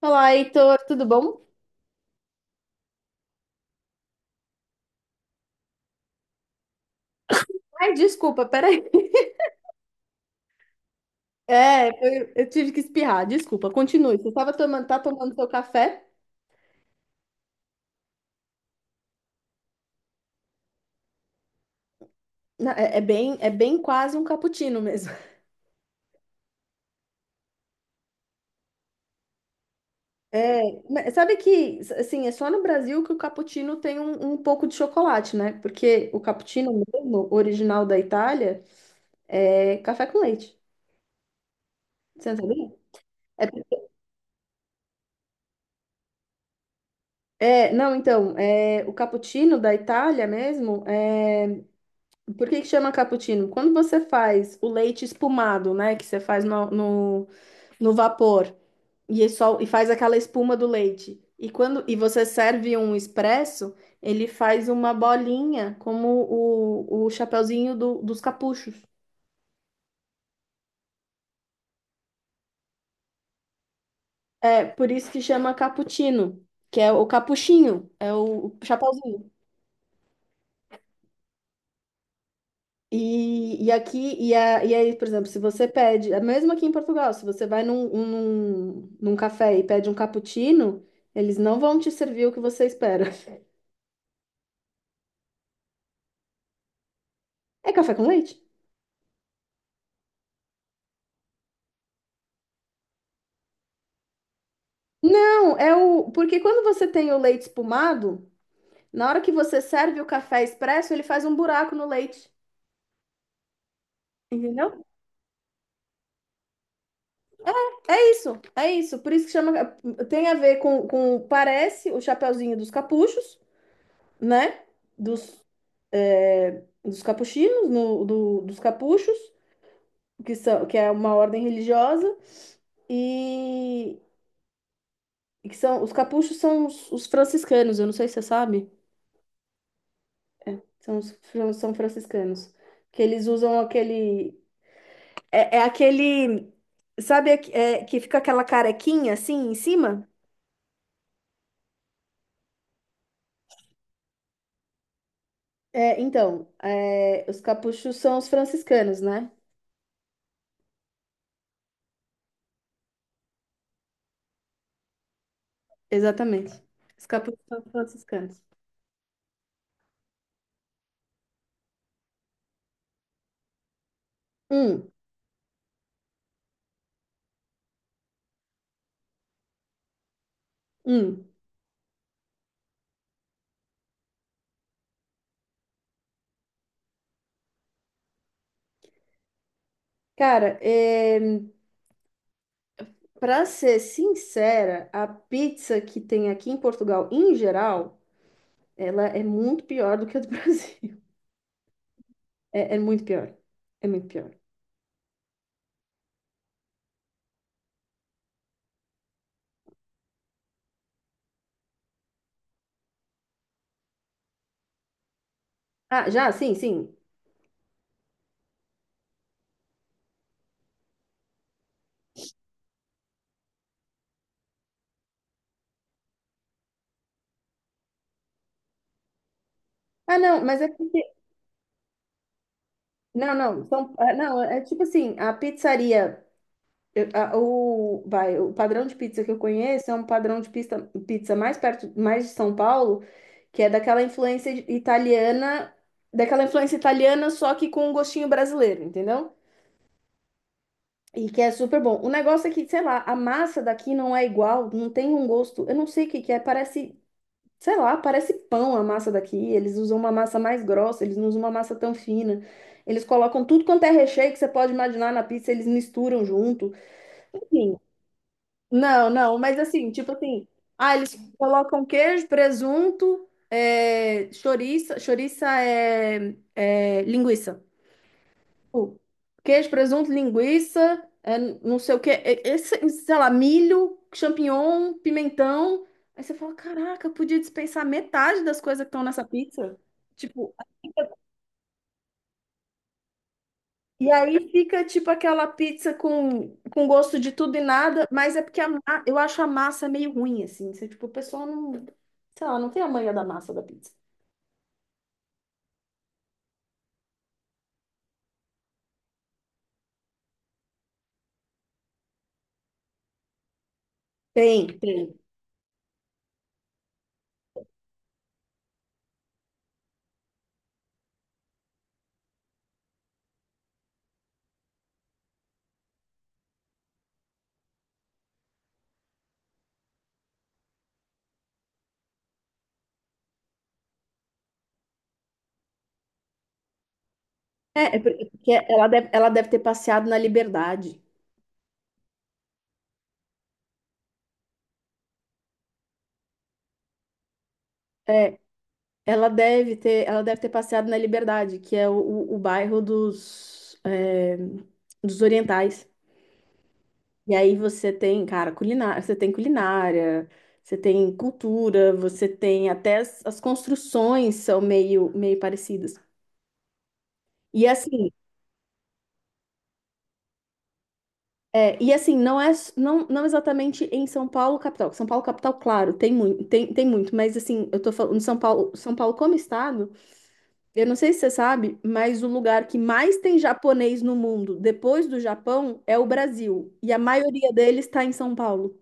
Olá, Heitor, tudo bom? Ai, desculpa, peraí. É, eu tive que espirrar, desculpa, continue. Você estava tomando, tá tomando seu café? É, é bem quase um cappuccino mesmo. É, mas sabe que, assim, é só no Brasil que o cappuccino tem um pouco de chocolate, né? Porque o cappuccino mesmo, original da Itália, é café com leite. Você não sabia? É, não, então, é, o cappuccino da Itália mesmo, é. Por que que chama cappuccino? Quando você faz o leite espumado, né? Que você faz no vapor e, é só, e faz aquela espuma do leite. E quando e você serve um expresso, ele faz uma bolinha como o chapeuzinho dos capuchos. É por isso que chama cappuccino, que é o capuchinho, é o chapeuzinho. E aqui, e aí, por exemplo, se você pede, é mesmo aqui em Portugal, se você vai num café e pede um cappuccino, eles não vão te servir o que você espera. É café com leite? Não, é o. Porque quando você tem o leite espumado, na hora que você serve o café expresso, ele faz um buraco no leite. Entendeu? É isso, é isso. Por isso que chama. Tem a ver com parece o chapeuzinho dos capuchos, né? Dos, dos capuchinos, no, do- dos capuchos. Que é uma ordem religiosa, e, e que são, os capuchos são os franciscanos, eu não sei se você sabe, são franciscanos, que eles usam aquele, é aquele, sabe, que fica aquela carequinha assim em cima? É, então, os capuchos são os franciscanos, né? Exatamente. Os capuchos são os franciscanos. Hum, hum. Cara, para ser sincera, a pizza que tem aqui em Portugal, em geral, ela é muito pior do que a do Brasil. É muito pior. É muito pior. Ah, já? Sim, sim. Ah, não, mas é porque. Não, não. São, ah, não, é tipo assim, a pizzaria. O, vai, o padrão de pizza que eu conheço é um padrão de pizza mais perto, mais de São Paulo, que é daquela influência italiana, só que com um gostinho brasileiro, entendeu? E que é super bom. O negócio é que, sei lá, a massa daqui não é igual, não tem um gosto. Eu não sei o que que é, parece, sei lá, parece pão a massa daqui. Eles usam uma massa mais grossa, eles não usam uma massa tão fina. Eles colocam tudo quanto é recheio que você pode imaginar na pizza, eles misturam junto. Enfim, não, não, mas assim, tipo assim, ah, eles colocam queijo, presunto, é, chouriça, chouriça é linguiça. Tipo, queijo, presunto, linguiça, é, não sei o que, esse, sei lá, milho, champignon, pimentão. Aí você fala, caraca, eu podia dispensar metade das coisas que estão nessa pizza. Tipo, e aí fica tipo aquela pizza com gosto de tudo e nada, mas é porque eu acho a massa meio ruim, assim. Você, tipo, o pessoal não, sei lá, não tem a manha da massa da pizza. Tem, tem. É porque ela deve ter passeado na Liberdade. É, ela deve ter passeado na Liberdade, que é o bairro dos orientais. E aí você tem, cara, culinária, você tem cultura, você tem até as construções são meio, meio parecidas. E assim, e assim, não, não exatamente em São Paulo capital. São Paulo capital, claro, tem muito, mas assim, eu tô falando São Paulo, São Paulo como estado. Eu não sei se você sabe, mas o lugar que mais tem japonês no mundo, depois do Japão, é o Brasil. E a maioria deles está em São Paulo.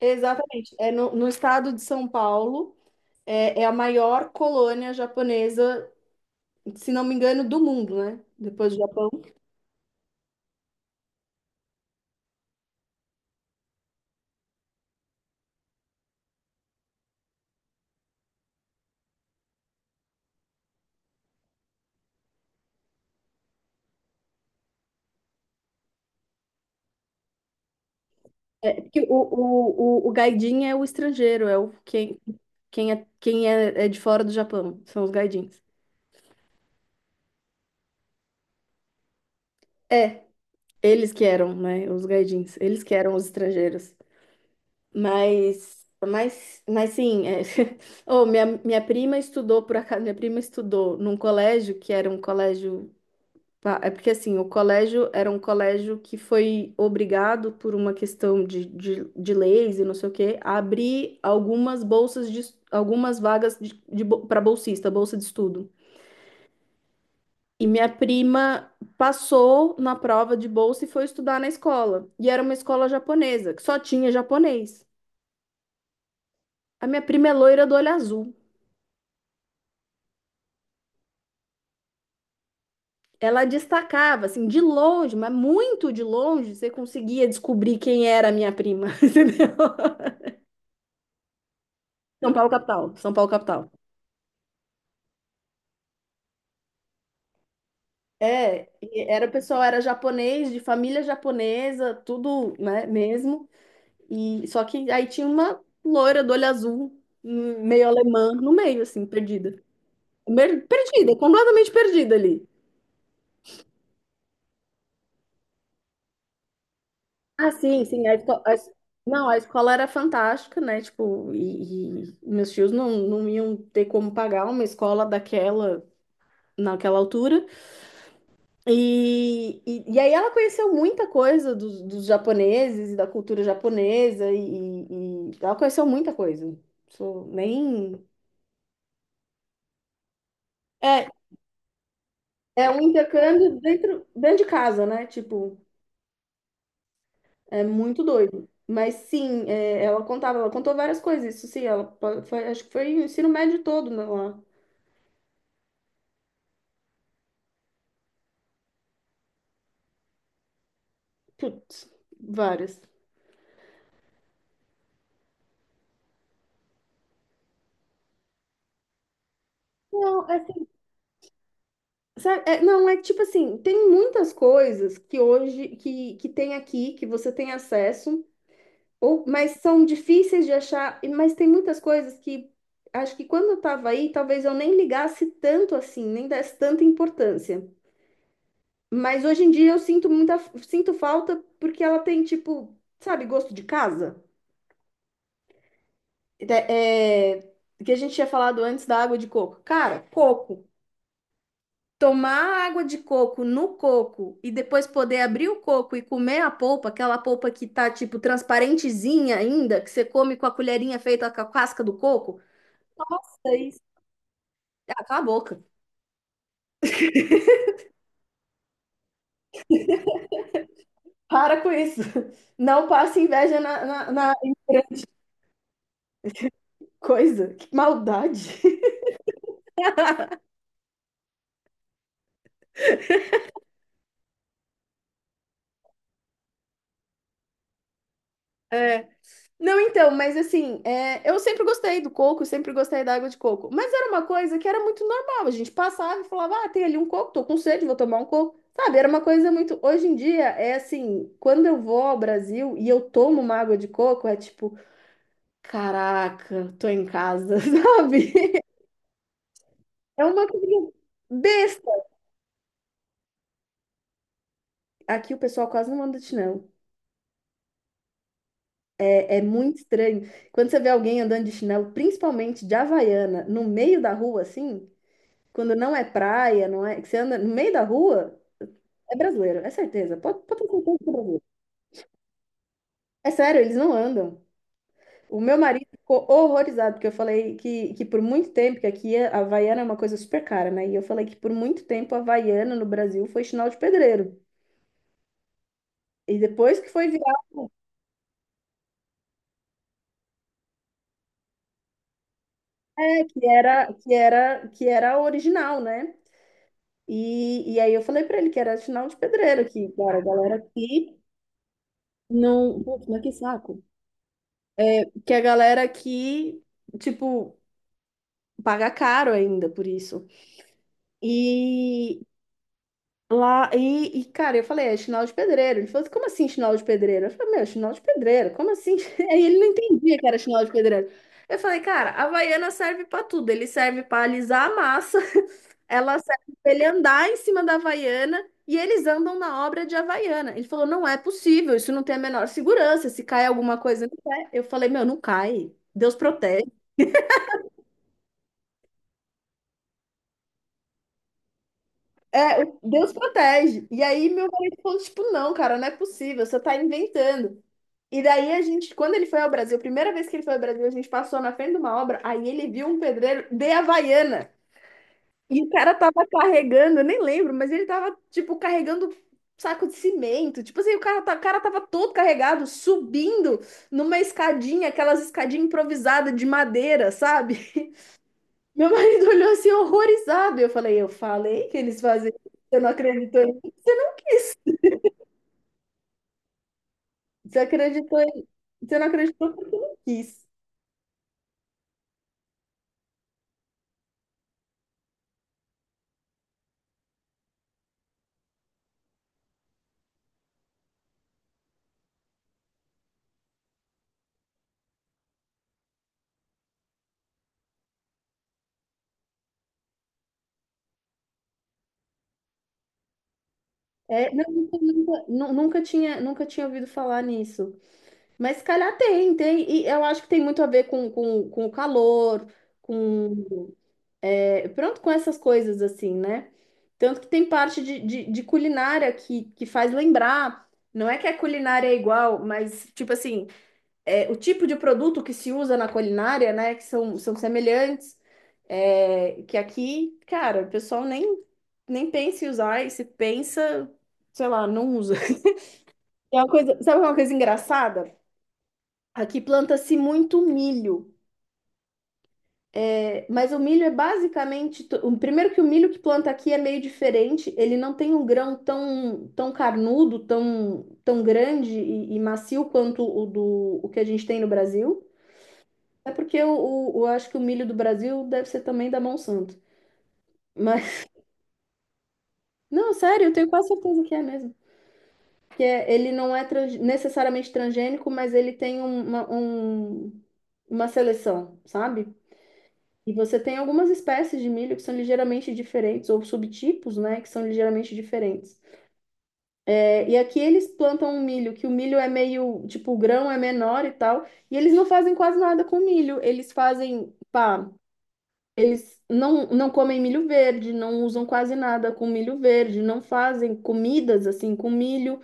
Exatamente. É no estado de São Paulo, é a maior colônia japonesa, se não me engano, do mundo, né? Depois do Japão. É, porque o gaidin é o estrangeiro, é o quem, quem é, é de fora do Japão, são os gaidins. É, eles que eram, né? Os gaidins, eles que eram os estrangeiros. Mas sim, é. Oh, minha prima estudou, por acaso, minha prima estudou num colégio que era um colégio. É porque assim, o colégio era um colégio que foi obrigado por uma questão de leis e não sei o quê, a abrir algumas bolsas de, algumas vagas de, para bolsista, bolsa de estudo. E minha prima passou na prova de bolsa e foi estudar na escola. E era uma escola japonesa, que só tinha japonês. A minha prima é loira do olho azul. Ela destacava, assim, de longe, mas muito de longe, você conseguia descobrir quem era a minha prima, entendeu? São Paulo capital, São Paulo capital. É, e era o pessoal, era japonês, de família japonesa, tudo, né, mesmo. E só que aí tinha uma loira do olho azul, meio alemã, no meio, assim, perdida. Perdida, completamente perdida ali. Ah, sim, sim. A esco- a es- Não, a escola era fantástica, né? Tipo, e meus tios não, não iam ter como pagar uma escola daquela, naquela altura. E aí ela conheceu muita coisa dos japoneses e da cultura japonesa, e ela conheceu muita coisa. Isso nem. É, é um intercâmbio dentro de casa, né? Tipo. É muito doido. Mas sim, é, ela contou várias coisas, isso sim, foi, acho que foi o ensino médio todo né, lá. Putz, várias. Não, é assim, sabe, é, não, é tipo assim, tem muitas coisas que hoje, que tem aqui, que você tem acesso, ou, mas são difíceis de achar, mas tem muitas coisas que acho que quando eu tava aí, talvez eu nem ligasse tanto assim, nem desse tanta importância. Mas hoje em dia eu sinto falta porque ela tem, tipo, sabe, gosto de casa. É, que a gente tinha falado antes da água de coco. Cara, coco. Tomar água de coco no coco e depois poder abrir o coco e comer a polpa, aquela polpa que tá, tipo, transparentezinha ainda, que você come com a colherinha feita com a casca do coco. Nossa, isso. Ah, cala a boca. Para com isso. Não passe inveja na coisa. Que maldade. Não, então, mas assim, é, eu sempre gostei do coco, sempre gostei da água de coco. Mas era uma coisa que era muito normal. A gente passava e falava, ah, tem ali um coco, tô com sede, vou tomar um coco. Sabe, era uma coisa muito. Hoje em dia, é assim, quando eu vou ao Brasil e eu tomo uma água de coco, é tipo, caraca, tô em casa, sabe? É uma coisa besta. Aqui o pessoal quase não anda de chinelo. É muito estranho. Quando você vê alguém andando de chinelo, principalmente de Havaiana, no meio da rua, assim, quando não é praia, não é, que você anda no meio da rua, é brasileiro, é certeza. Pode ter certeza que é brasileiro. É sério, eles não andam. O meu marido ficou horrorizado, porque eu falei que por muito tempo, que aqui a Havaiana é uma coisa super cara, né? E eu falei que por muito tempo a Havaiana no Brasil foi sinal de pedreiro. E depois que foi virar, é, que era a original, né? E aí eu falei pra ele que era sinal de pedreiro, que, cara, a galera aqui não. Putz, mas que saco. Que a galera aqui, tipo, paga caro ainda por isso. E lá, cara, eu falei, é chinelo de pedreiro. Ele falou, assim, como assim chinelo de pedreiro? Eu falei, meu, chinelo de pedreiro, como assim? Aí ele não entendia que era chinelo de pedreiro. Eu falei, cara, a Havaiana serve pra tudo. Ele serve pra alisar a massa, ela serve pra ele andar em cima da Havaiana. E eles andam na obra de Havaiana. Ele falou: não é possível, isso não tem a menor segurança. Se cai alguma coisa, não é. Eu falei: meu, não cai. Deus protege. É, Deus protege. E aí meu marido falou, tipo, não, cara, não é possível, você tá inventando. E daí a gente, quando ele foi ao Brasil, a primeira vez que ele foi ao Brasil, a gente passou na frente de uma obra, aí ele viu um pedreiro de Havaiana. E o cara tava carregando, eu nem lembro, mas ele tava, tipo, carregando saco de cimento. Tipo assim, o cara tava todo carregado, subindo numa escadinha, aquelas escadinhas improvisadas de madeira, sabe? Meu marido olhou assim horrorizado. Eu falei que eles fazem isso. Você não acreditou em mim? Você acreditou em, você não acreditou porque eu não quis. É, não, nunca tinha ouvido falar nisso. Mas se calhar tem, tem. E eu acho que tem muito a ver com o calor, com, pronto, com essas coisas assim, né? Tanto que tem parte de culinária que faz lembrar. Não é que a culinária é igual, mas tipo assim. O tipo de produto que se usa na culinária, né? Que são semelhantes. Que aqui, cara, o pessoal nem pensa em usar, e se pensa, sei lá, não usa. É uma coisa, sabe uma coisa engraçada? Aqui planta-se muito milho. É, mas o milho é basicamente. Primeiro que o milho que planta aqui é meio diferente, ele não tem um grão tão, tão carnudo, tão, tão grande e macio quanto o que a gente tem no Brasil. É porque acho que o milho do Brasil deve ser também da Monsanto. Mas, não, sério, eu tenho quase certeza que é mesmo. Ele não é necessariamente transgênico, mas ele tem uma seleção, sabe? E você tem algumas espécies de milho que são ligeiramente diferentes, ou subtipos, né, que são ligeiramente diferentes. É, e aqui eles plantam um milho, que o milho é meio, tipo, o grão é menor e tal, e eles não fazem quase nada com milho. Eles fazem, pá. Eles não, não comem milho verde, não usam quase nada com milho verde, não fazem comidas assim com milho.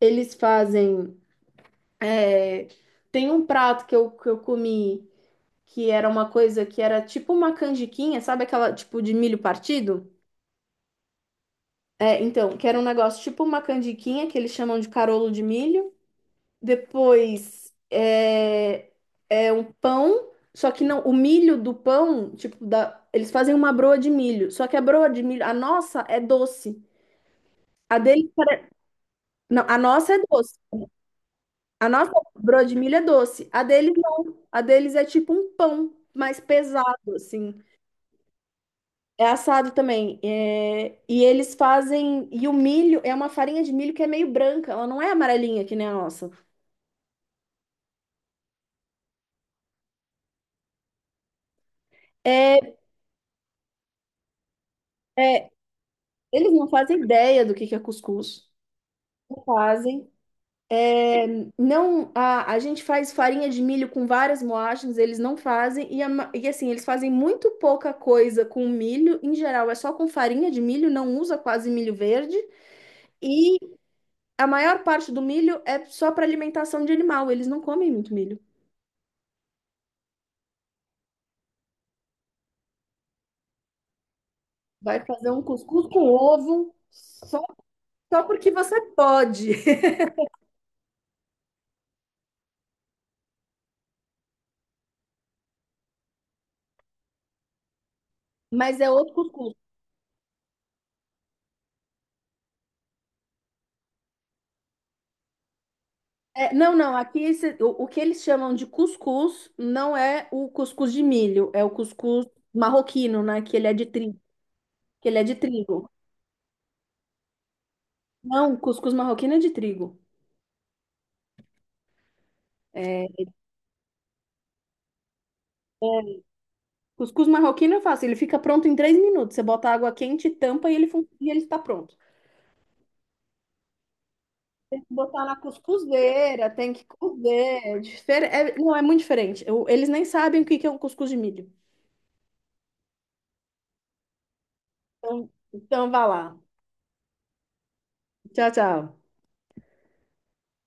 Eles fazem. é, Tem um prato que eu comi que era uma coisa que era tipo uma canjiquinha, sabe aquela tipo de milho partido? É, então, que era um negócio tipo uma canjiquinha que eles chamam de carolo de milho. Depois é um pão, só que não, o milho do pão, tipo, da, eles fazem uma broa de milho, só que a broa de milho, a nossa é doce. A deles, não, a nossa é doce. A nossa broa de milho é doce. A deles não. A deles é tipo um pão mais pesado, assim. É assado também. É, e eles fazem. E o milho é uma farinha de milho que é meio branca. Ela não é amarelinha que nem a nossa. É, é, eles não fazem ideia do que é cuscuz. Fazem. Não, a gente faz farinha de milho com várias moagens, eles não fazem. E assim, eles fazem muito pouca coisa com milho. Em geral, é só com farinha de milho, não usa quase milho verde. E a maior parte do milho é só para alimentação de animal. Eles não comem muito milho. Vai fazer um cuscuz com ovo, só porque você pode. Mas é outro cuscuz. É, não, não, aqui o que eles chamam de cuscuz não é o cuscuz de milho, é o cuscuz marroquino, né? Que ele é de trigo, que ele é de trigo. Não, cuscuz marroquino é de trigo. É, é, cuscuz marroquino é fácil, ele fica pronto em 3 minutos. Você bota água quente, tampa e ele está pronto. Tem que botar na cuscuzeira, tem que cozer. Não, é muito diferente. Eles nem sabem o que que é um cuscuz de milho. Então vá lá. Tchau, tchau.